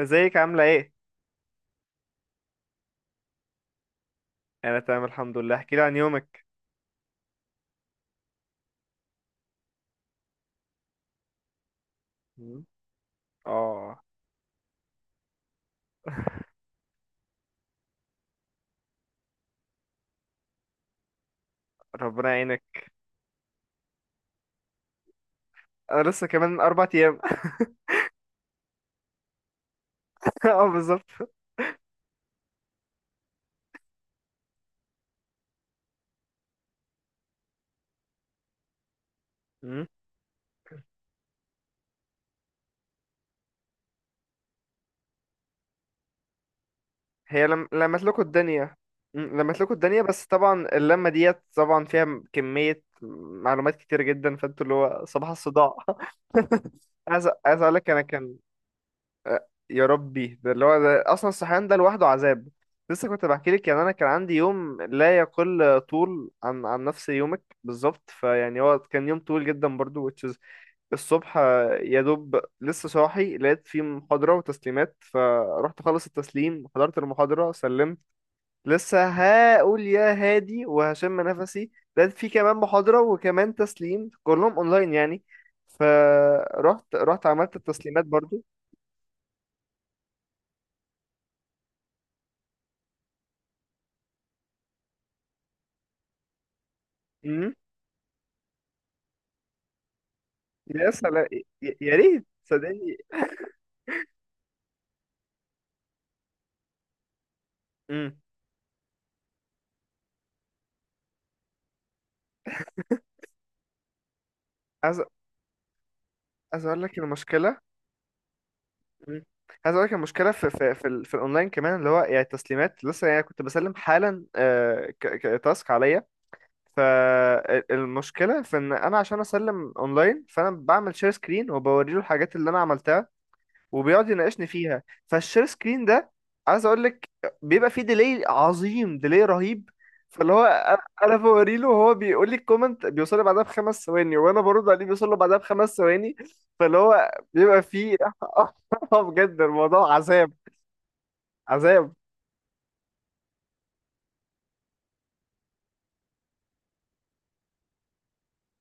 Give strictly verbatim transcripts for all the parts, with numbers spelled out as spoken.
ازيك عاملة ايه؟ انا تمام الحمد لله. احكي لي عن يومك. مم. اه. ربنا يعينك. انا لسه كمان اربع ايام. اه، بالظبط. مم. هي لم... لمت لكم الدنيا. مم، لمت لكم الدنيا بس طبعا اللمة ديت طبعا فيها م- كمية معلومات كتير جدا فانتوا اللي هو صباح الصداع. عايز عايز اقول لك انا كان. آه، يا ربي، ده اللي هو ده اصلا الصحيان ده لوحده عذاب. لسه كنت بحكي لك، يعني انا كان عندي يوم لا يقل طول عن عن نفس يومك بالظبط، فيعني هو كان يوم طويل جدا برضو which is الصبح. آه، يا دوب لسه صاحي لقيت في محاضرة وتسليمات، فرحت خلص التسليم، حضرت المحاضرة، سلمت، لسه هقول يا هادي وهشم نفسي، لقيت في كمان محاضرة وكمان تسليم كلهم اونلاين يعني، فرحت رحت عملت التسليمات برضو. يا سلام. يا يا ريت، صدقني. امم. عايز عايز اقول لك المشكله. امم. عايز اقول لك المشكله في في في, ال- في الاونلاين كمان، اللي هو يعني التسليمات لسه، يعني كنت بسلم حالا آه، ك- ك- تاسك عليا. فالمشكله في ان انا عشان اسلم اونلاين فانا بعمل شير سكرين وبوري له الحاجات اللي انا عملتها وبيقعد يناقشني فيها. فالشير سكرين ده، عايز اقول لك، بيبقى فيه ديلي عظيم، ديلي رهيب. فاللي هو انا، أنا بوري له وهو بيقول لي الكومنت بيوصل لي بعدها بخمس ثواني، وانا برد عليه بيوصل له بعدها بخمس ثواني. فاللي هو بيبقى فيه. بجد الموضوع عذاب. عذاب.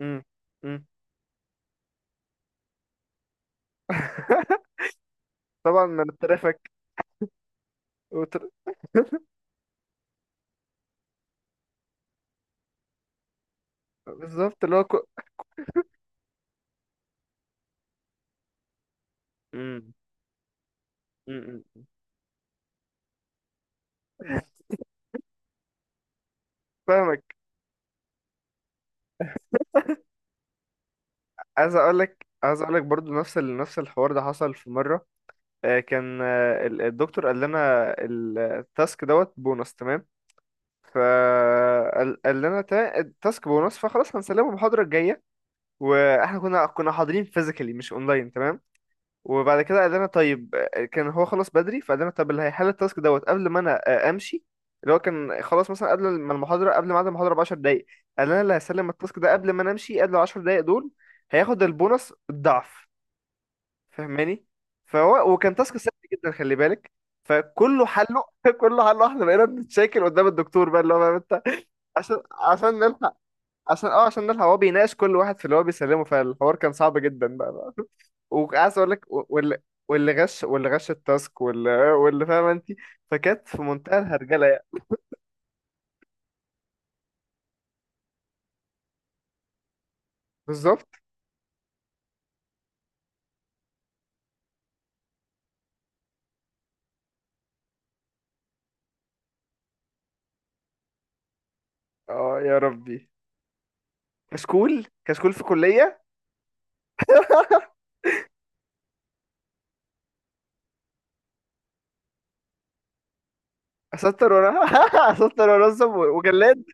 مم. مم. طبعا من الترافيك. وتر... بالظبط اللي هو كو... مم. مم. مم. فاهمك. عايز اقول لك عايز اقول لك برضو نفس ال... نفس الحوار ده حصل في مره. آه، كان آه، ال- الدكتور قال لنا ال- التاسك دوت بونص، تمام؟ فقال قال لنا تا- التاسك بونص، فخلاص هنسلمه المحاضرة الجاية. واحنا كنا كنا حاضرين فيزيكالي مش اونلاين، تمام؟ وبعد كده قال لنا طيب، آه، كان هو خلاص بدري، فقال لنا طب اللي هيحل التاسك دوت قبل ما انا آه، امشي. اللي هو كان خلاص مثلا قبل ما المحاضرة قبل ميعاد المحاضرة ب 10 دقايق، قال لنا اللي هيسلم التاسك ده قبل ما انا امشي، قبل 10 دقايق دول، هياخد البونص الضعف، فاهماني؟ فهو وكان تاسك سهل جدا، خلي بالك، فكله حله. كله حله، احنا بقينا بنتشاكل قدام الدكتور بقى اللي هو فاهم انت. عشان عشان نلحق، عشان اه عشان نلحق هو بيناقش كل واحد في اللي هو بيسلمه، فالحوار كان صعب جدا بقى, بقى. وعايز اقول لك، واللي، واللي غش واللي غش التاسك واللي واللي فاهمه انت، فكانت في منتهى الهرجله يعني. بالظبط. اه يا ربي. كشكول؟ كشكول في كليه؟ اسطر وانا اسطر وانظم وجلاد.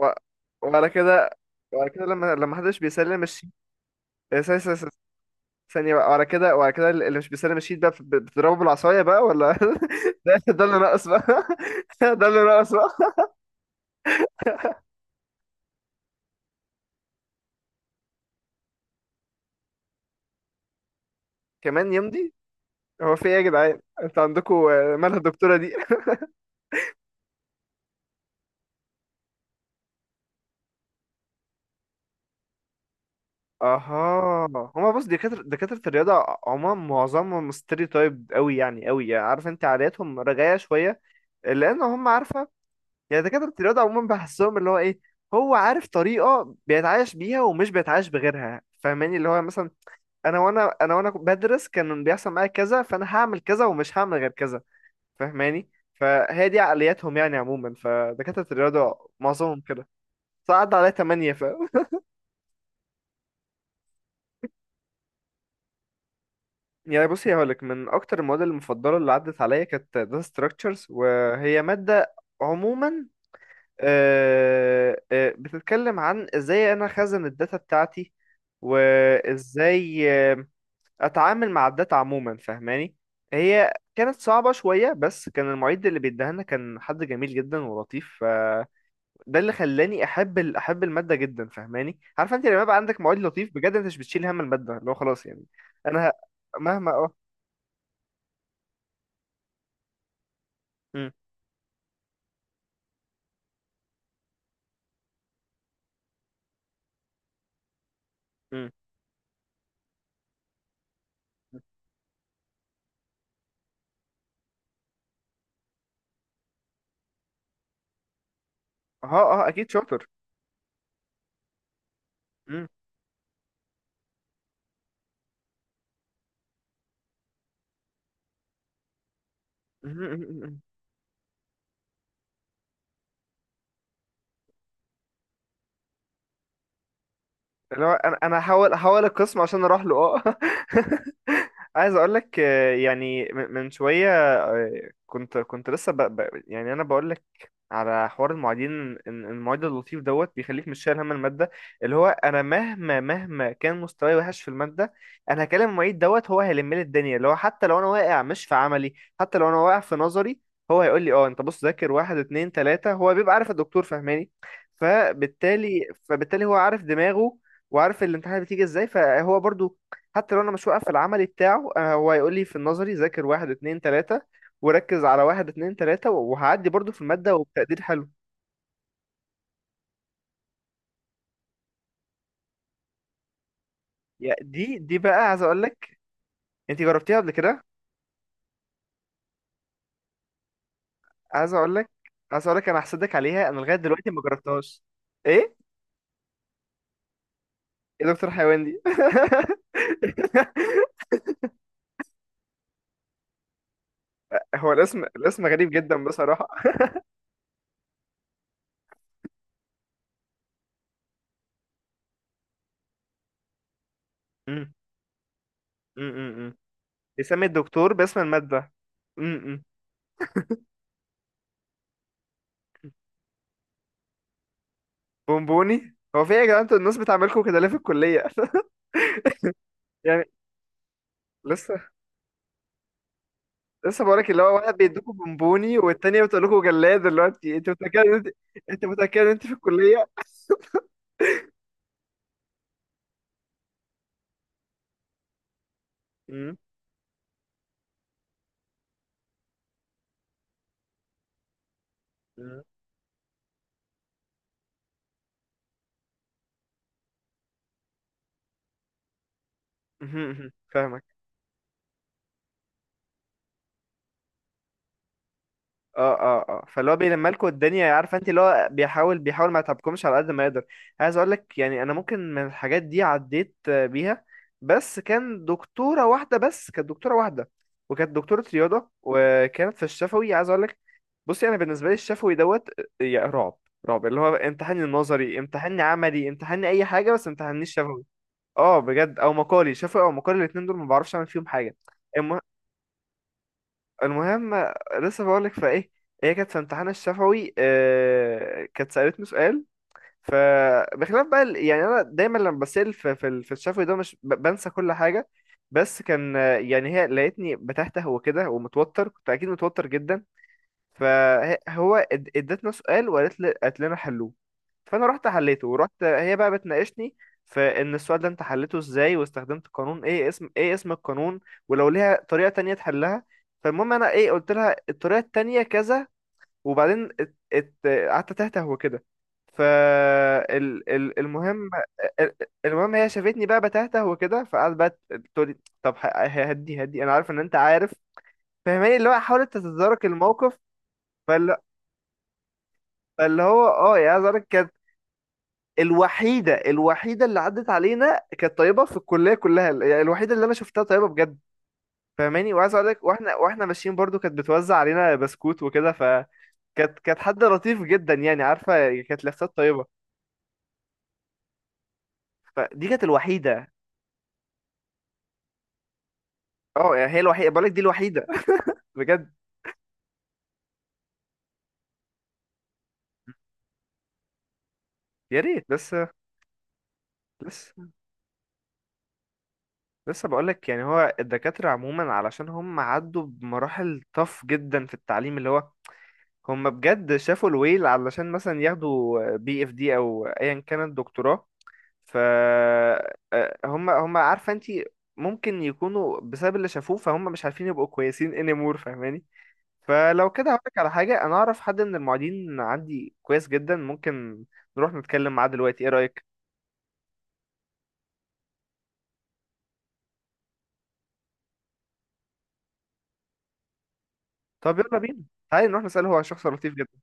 و- وعلى كده، وعلى كده لما لما حدش بيسلم الشيت، آه، س- س- س- ثانية بقى. وعلى كده وعلى كده اللي مش بيسلم الشيت بقى بت- بتضربه بالعصاية بقى، ولا ده ده اللي ناقص بقى. ده اللي ناقص بقى. كمان يمضي؟ هو في ايه يا جدعان انتوا عندكم؟ مالها الدكتورة دي؟ اها. هما بص، دكاترة دكاترة الرياضة عموما معظمهم ستيريوتايب قوي يعني، قوي يعني، عارف انت عاداتهم رجعية شوية، لان هم، عارفة يعني، دكاترة الرياضة عموما بحسهم اللي هو ايه، هو عارف طريقة بيتعايش بيها ومش بيتعايش بغيرها، فاهماني؟ اللي هو مثلا انا وانا انا وانا بدرس كان بيحصل معايا كذا، فانا هعمل كذا ومش هعمل غير كذا، فاهماني؟ فهي دي عقلياتهم يعني عموما، فدكاترة الرياضة معظمهم كده، فعدى عليا تمانية ف يعني بصي، هقولك من أكتر المواد المفضلة اللي عدت عليا كانت data structures، وهي مادة عموما آه، آه، بتتكلم عن ازاي انا خزن الداتا بتاعتي، وازاي آه، اتعامل مع الداتا عموما، فاهماني؟ هي كانت صعبة شوية، بس كان المعيد اللي بيديها لنا كان حد جميل جدا ولطيف، فده اللي خلاني احب ال- احب المادة جدا، فاهماني؟ عارفه انت لما يبقى عندك معيد لطيف، بجد انت مش بتشيل هم المادة، اللي هو خلاص يعني. انا ه- مهما اه م- م- اه، اه، اكيد شاطر. م- اللي هو انا انا هحاول هحاول القسم عشان اروح له اه عايز اقول لك، يعني من من شويه، آه، كنت كنت لسه ب... ب... يعني انا بقول لك على حوار المعيدين إن إن المعيد اللطيف دوت بيخليك مش شايل هم الماده، اللي هو انا مهما مهما كان مستواي وحش في الماده، انا هكلم المعيد دوت، هو هيلم لي الدنيا، اللي هو حتى لو انا واقع مش في عملي، حتى لو انا واقع في نظري، هو هيقول لي اه انت بص، ذاكر واحد اتنين تلاته، هو بيبقى عارف الدكتور، فاهماني؟ فبالتالي فبالتالي هو عارف دماغه وعارف الامتحانات بتيجي ازاي، فهو برضو حتى لو انا مش واقف في العملي بتاعه، آه، هو هيقول لي في النظري ذاكر واحد اتنين تلاتة، وركز على واحد اتنين تلاتة، وهعدي برضو في المادة وبتقدير حلو. يا دي دي بقى، عايز اقول لك، انت جربتيها قبل كده؟ عايز اقول لك عايز اقول لك انا هحسدك عليها، انا لغاية دلوقتي ما جربتهاش. ايه؟ ايه دكتور حيوان دي؟ هو الاسم الاسم غريب جدا بصراحة. امم، امم، امم. بيسمي الدكتور باسم المادة. امم. امم. بونبوني؟ هو في ايه يا جدعان انتوا الناس بتعملكم كده ليه في الكلية؟ يعني لسه لسه بقولك، اللي هو واحد بيدوكوا بونبوني والتانية بتقول لكم جلاد، دلوقتي انت متأكد ان انت، انت متأكد ان انت في الكلية؟ مم. مم. مهم. فاهمك. اه، اه، اه. فاللي هو بيلم لكم الدنيا، عارفه انت اللي هو بيحاول بيحاول ما يتعبكمش على قد ما يقدر. عايز اقول لك، يعني انا ممكن من الحاجات دي عديت آه، بيها، بس كان دكتوره واحده بس كانت دكتوره واحده، وكانت دكتوره رياضه، وكانت في الشفوي. عايز اقول لك، بصي، انا بالنسبه لي الشفوي دوت، آه، يا رعب. رعب. اللي هو امتحاني نظري، امتحاني عملي، امتحاني اي حاجه، بس امتحاني الشفوي. اه بجد، او مقالي. شفوي او مقالي، الاتنين دول ما بعرفش اعمل فيهم حاجه. المهم، لسه بقولك، فايه، هي كانت في امتحان الشفوي، آه، كانت سألتني سؤال، فبخلاف بقى ال- يعني انا دايما لما بسأل في في ال- في الشفوي ده مش ب- بنسى كل حاجة، بس كان، آه، يعني هي لقيتني بتهته وكده ومتوتر، كنت اكيد متوتر جدا. فهو ادتنا سؤال، وقالت لي قالت لنا حلوه. فانا رحت حليته، ورحت هي بقى بتناقشني في ان السؤال ده انت حليته ازاي، واستخدمت قانون ايه، اسم ايه، اسم القانون، ولو ليها طريقة تانية تحلها. فالمهم انا ايه، قلت لها الطريقة التانية كذا، وبعدين ات- ات- قعدت تهته وكده. ف ال- ال- المهم، ال- المهم هي شافتني بقى بتهته وكده، فقعدت بقى تقول لي طب، ه- هدي هدي، انا عارف ان انت عارف، فاهماني؟ اللي هو حاولت تتدارك الموقف. فاللي، فاللي هو اه يا زارك، الوحيدة الوحيدة اللي عدت علينا كانت طيبة في الكلية كلها، يعني الوحيدة اللي أنا شفتها طيبة بجد، فاهماني؟ وعايز أقول لك، وإحنا وإحنا ماشيين برضو كانت بتوزع علينا بسكوت وكده، فكانت، كانت حد لطيف جدا يعني، عارفة يعني كانت لفتات طيبة. فدي كانت الوحيدة. أه، يعني هي الوحيدة، بقول لك دي الوحيدة بجد. يا ريت بس. لسه لسه بقول لك، يعني هو الدكاترة عموما علشان هم عدوا بمراحل طف جدا في التعليم، اللي هو هم بجد شافوا الويل علشان مثلا ياخدوا بي اف دي او ايا كانت دكتوراه، ف آه، هم هم عارفه انت، ممكن يكونوا بسبب اللي شافوه فهم مش عارفين يبقوا كويسين anymore، فاهماني؟ فلو كده هقولك على حاجه، انا اعرف حد من المعيدين عندي كويس جدا، ممكن نروح نتكلم معاه دلوقتي، ايه رايك؟ طب يلا بينا، تعالي نروح نساله هو عن شخص لطيف جدا.